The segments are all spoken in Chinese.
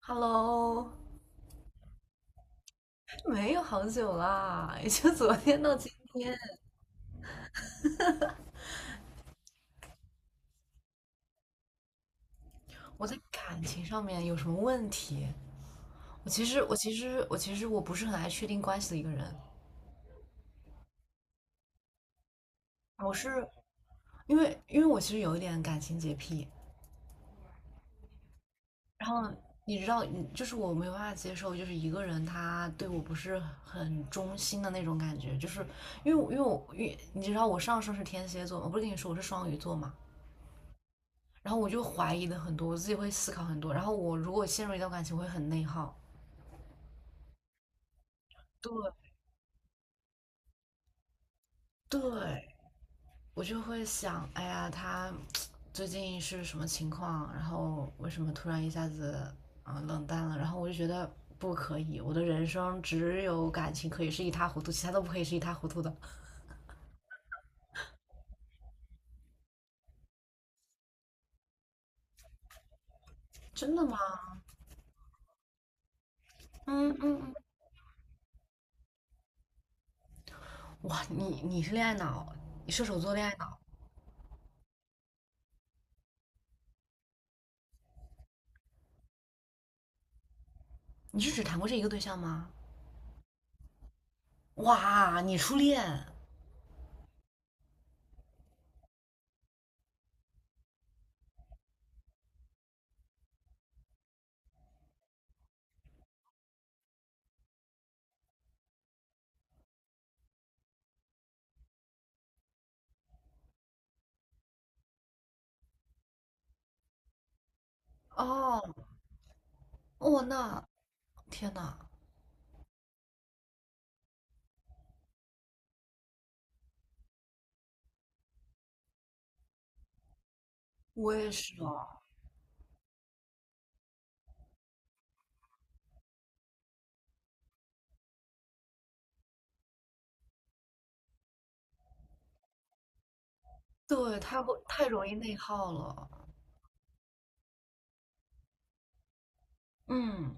Hello，没有好久啦，也就昨天到今天。我在感情上面有什么问题？我其实我不是很爱确定关系的一个人。我是因为，我其实有一点感情洁癖。然后你知道，你就是我没有办法接受，就是一个人他对我不是很忠心的那种感觉。就是因为我，因为你知道我上升是天蝎座，我不是跟你说我是双鱼座嘛？然后我就怀疑的很多，我自己会思考很多。然后我如果陷入一段感情，我会很内耗。对对，我就会想，哎呀，他最近是什么情况？然后为什么突然一下子冷淡了？然后我就觉得不可以，我的人生只有感情可以是一塌糊涂，其他都不可以是一塌糊涂的。真的吗？嗯嗯嗯。哇，你是恋爱脑，你射手座恋爱脑，你是只谈过这一个对象吗？哇，你初恋。哦，哦那天呐，我也是哦，对，太会太容易内耗了。嗯。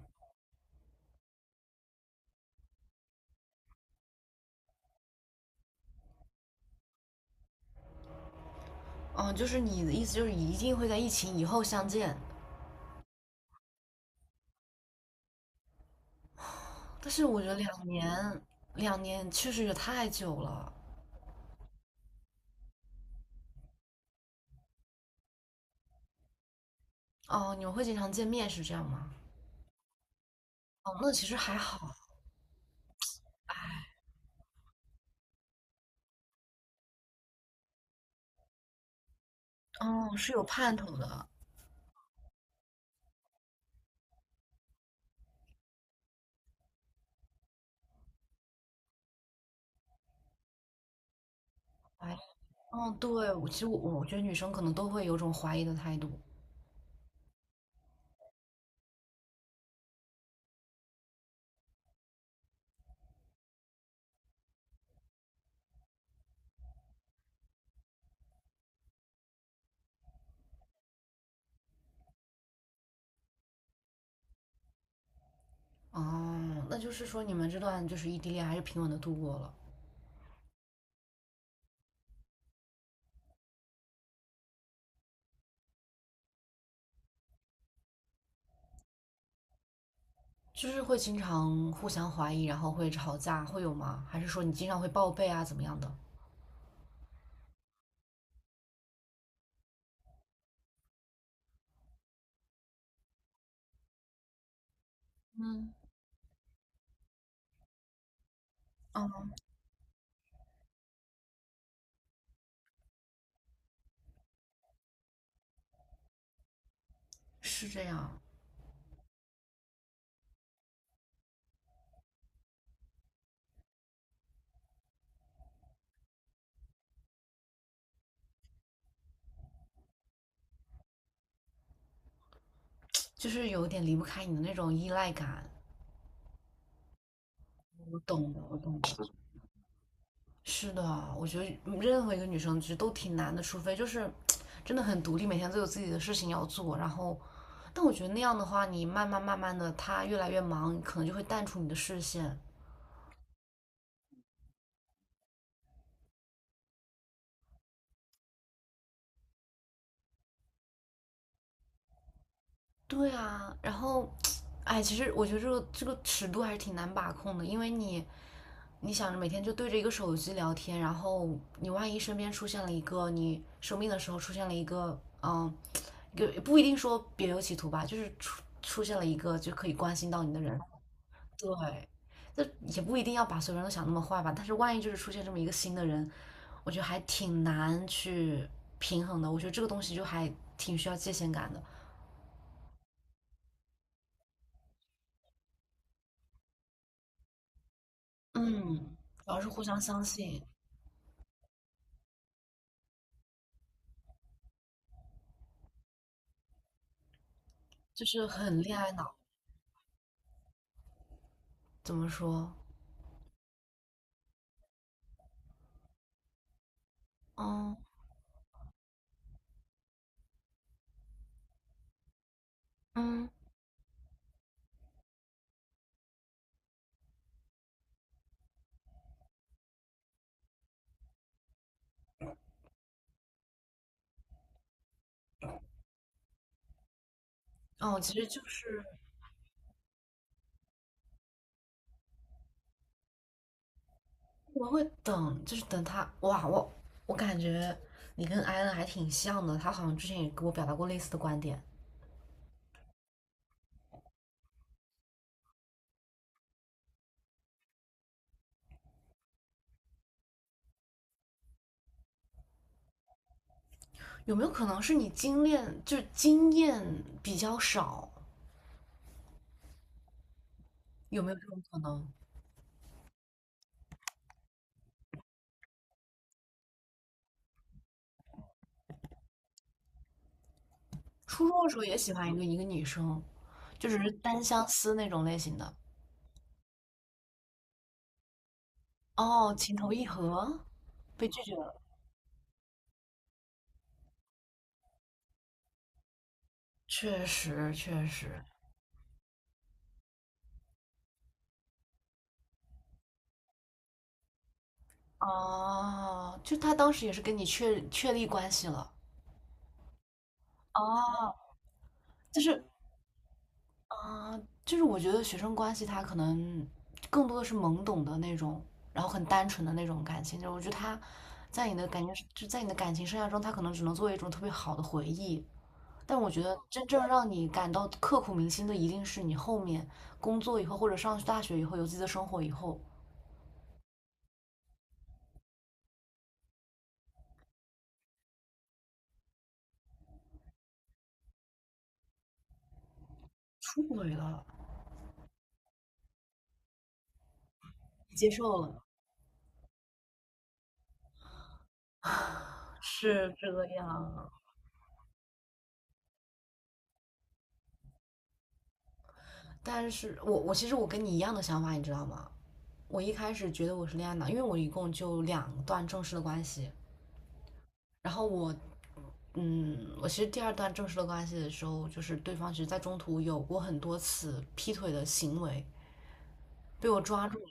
嗯，就是你的意思就是一定会在疫情以后相见，但是我觉得两年，两年确实也太久了。哦，你们会经常见面是这样吗？哦，那其实还好。哦，是有盼头的。哎，哦，对，我其实我我觉得女生可能都会有种怀疑的态度。哦，那就是说你们这段就是异地恋还是平稳的度过了，就是会经常互相怀疑，然后会吵架，会有吗？还是说你经常会报备啊，怎么样的？嗯，哦，是这样。就是有点离不开你的那种依赖感。我懂的，我懂的。是的，我觉得任何一个女生其实都挺难的，除非就是真的很独立，每天都有自己的事情要做。然后，但我觉得那样的话，你慢慢慢慢的，她越来越忙，可能就会淡出你的视线。对啊，然后，哎，其实我觉得这个这个尺度还是挺难把控的，因为你你想着每天就对着一个手机聊天，然后你万一身边出现了一个你生病的时候出现了一个有也不一定说别有企图吧，就是出出现了一个就可以关心到你的人，对，那也不一定要把所有人都想那么坏吧，但是万一就是出现这么一个新的人，我觉得还挺难去平衡的，我觉得这个东西就还挺需要界限感的。嗯，主要是互相相信，就是很恋爱脑，怎么说？嗯嗯哦，其实就是我会等，就是等他。哇，我我感觉你跟艾恩还挺像的，他好像之前也跟我表达过类似的观点。有没有可能是你经验就是经验比较少？有没有这种可能？初中的时候也喜欢一个一个女生，就只是单相思那种类型的。哦，情投意合，被拒绝了。确实，确实。哦，就他当时也是跟你确确立关系了。哦，就是就是我觉得学生关系它可能更多的是懵懂的那种，然后很单纯的那种感情。就是我觉得它在你的感情，就在你的感情生涯中，它可能只能作为一种特别好的回忆。但我觉得真正让你感到刻骨铭心的，一定是你后面工作以后，或者上大学以后，有自己的生活以后，出轨了，接受了。是这样，但是我我其实我跟你一样的想法，你知道吗？我一开始觉得我是恋爱脑，因为我一共就两段正式的关系，然后我，嗯，我其实第二段正式的关系的时候，就是对方其实在中途有过很多次劈腿的行为，被我抓住了。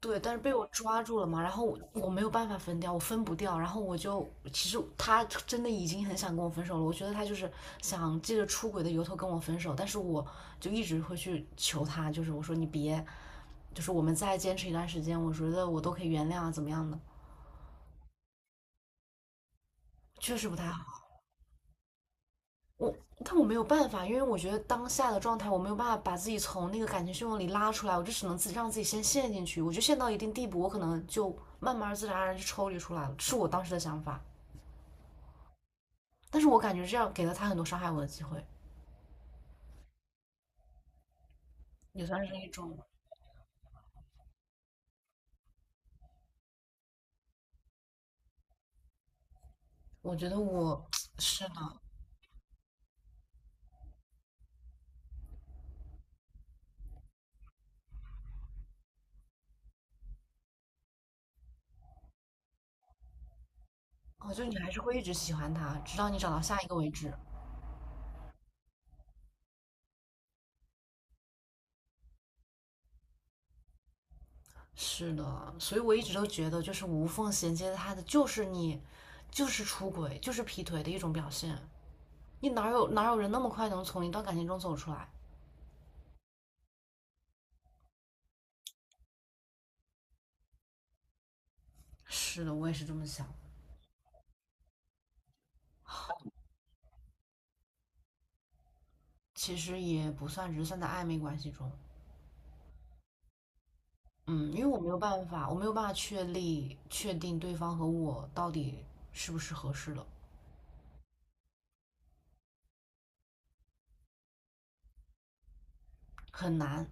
对，但是被我抓住了嘛，然后我我没有办法分掉，我分不掉，然后我就其实他真的已经很想跟我分手了，我觉得他就是想借着出轨的由头跟我分手，但是我就一直会去求他，就是我说你别，就是我们再坚持一段时间，我觉得我都可以原谅啊，怎么样的，确实不太好。我，但我没有办法，因为我觉得当下的状态，我没有办法把自己从那个感情漩涡里拉出来，我就只能自己让自己先陷进去。我就陷到一定地步，我可能就慢慢自然而然就抽离出来了，是我当时的想法。但是我感觉这样给了他很多伤害我的机会，也算是一种。我觉得我是的，我觉得你还是会一直喜欢他，直到你找到下一个为止。是的，所以我一直都觉得，就是无缝衔接他的，就是你，就是出轨，就是劈腿的一种表现。你哪有哪有人那么快能从一段感情中走出来？是的，我也是这么想。其实也不算，只是算在暧昧关系中。嗯，因为我没有办法，我没有办法确立确定对方和我到底是不是合适的，很难，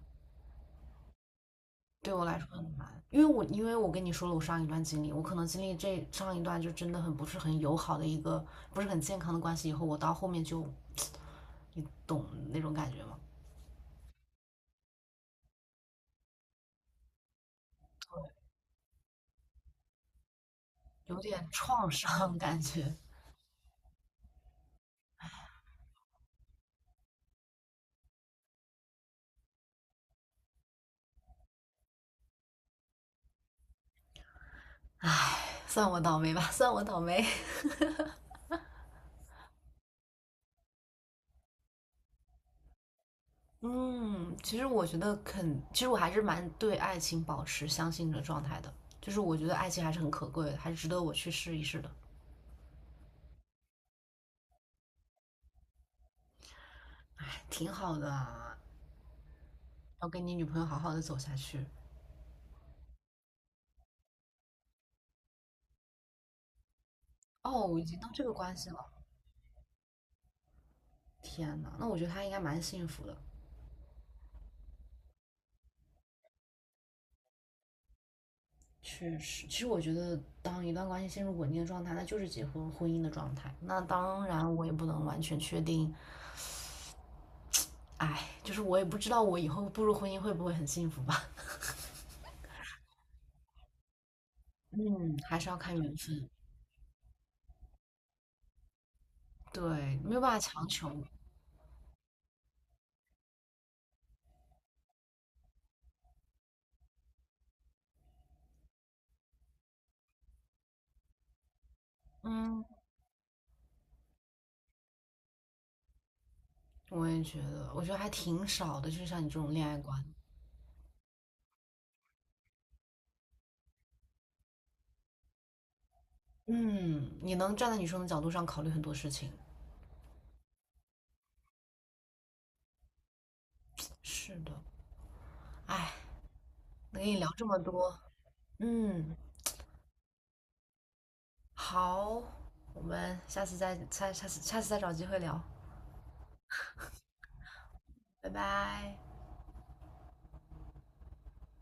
对我来说很难。因为我因为我跟你说了我上一段经历，我可能经历这上一段就真的很不是很友好的一个不是很健康的关系，以后我到后面就你懂那种感觉吗？有点创伤感觉，算我倒霉吧，算我倒霉。嗯，其实我觉得肯，其实我还是蛮对爱情保持相信的状态的，就是我觉得爱情还是很可贵的，还是值得我去试一试的，挺好的啊，要跟你女朋友好好的走下去。哦，已经到这个关系了，天呐，那我觉得他应该蛮幸福的。确实，其实我觉得，当一段关系陷入稳定的状态，那就是结婚婚姻的状态。那当然，我也不能完全确定，哎，就是我也不知道我以后步入婚姻会不会很幸福吧。嗯，还是要看缘分。对，没有办法强求。嗯，我也觉得，我觉得还挺少的，就是像你这种恋爱观。嗯，你能站在女生的角度上考虑很多事情。是的，哎，能跟你聊这么多，嗯，好，我们下次再下下次下次再找机会聊，拜拜。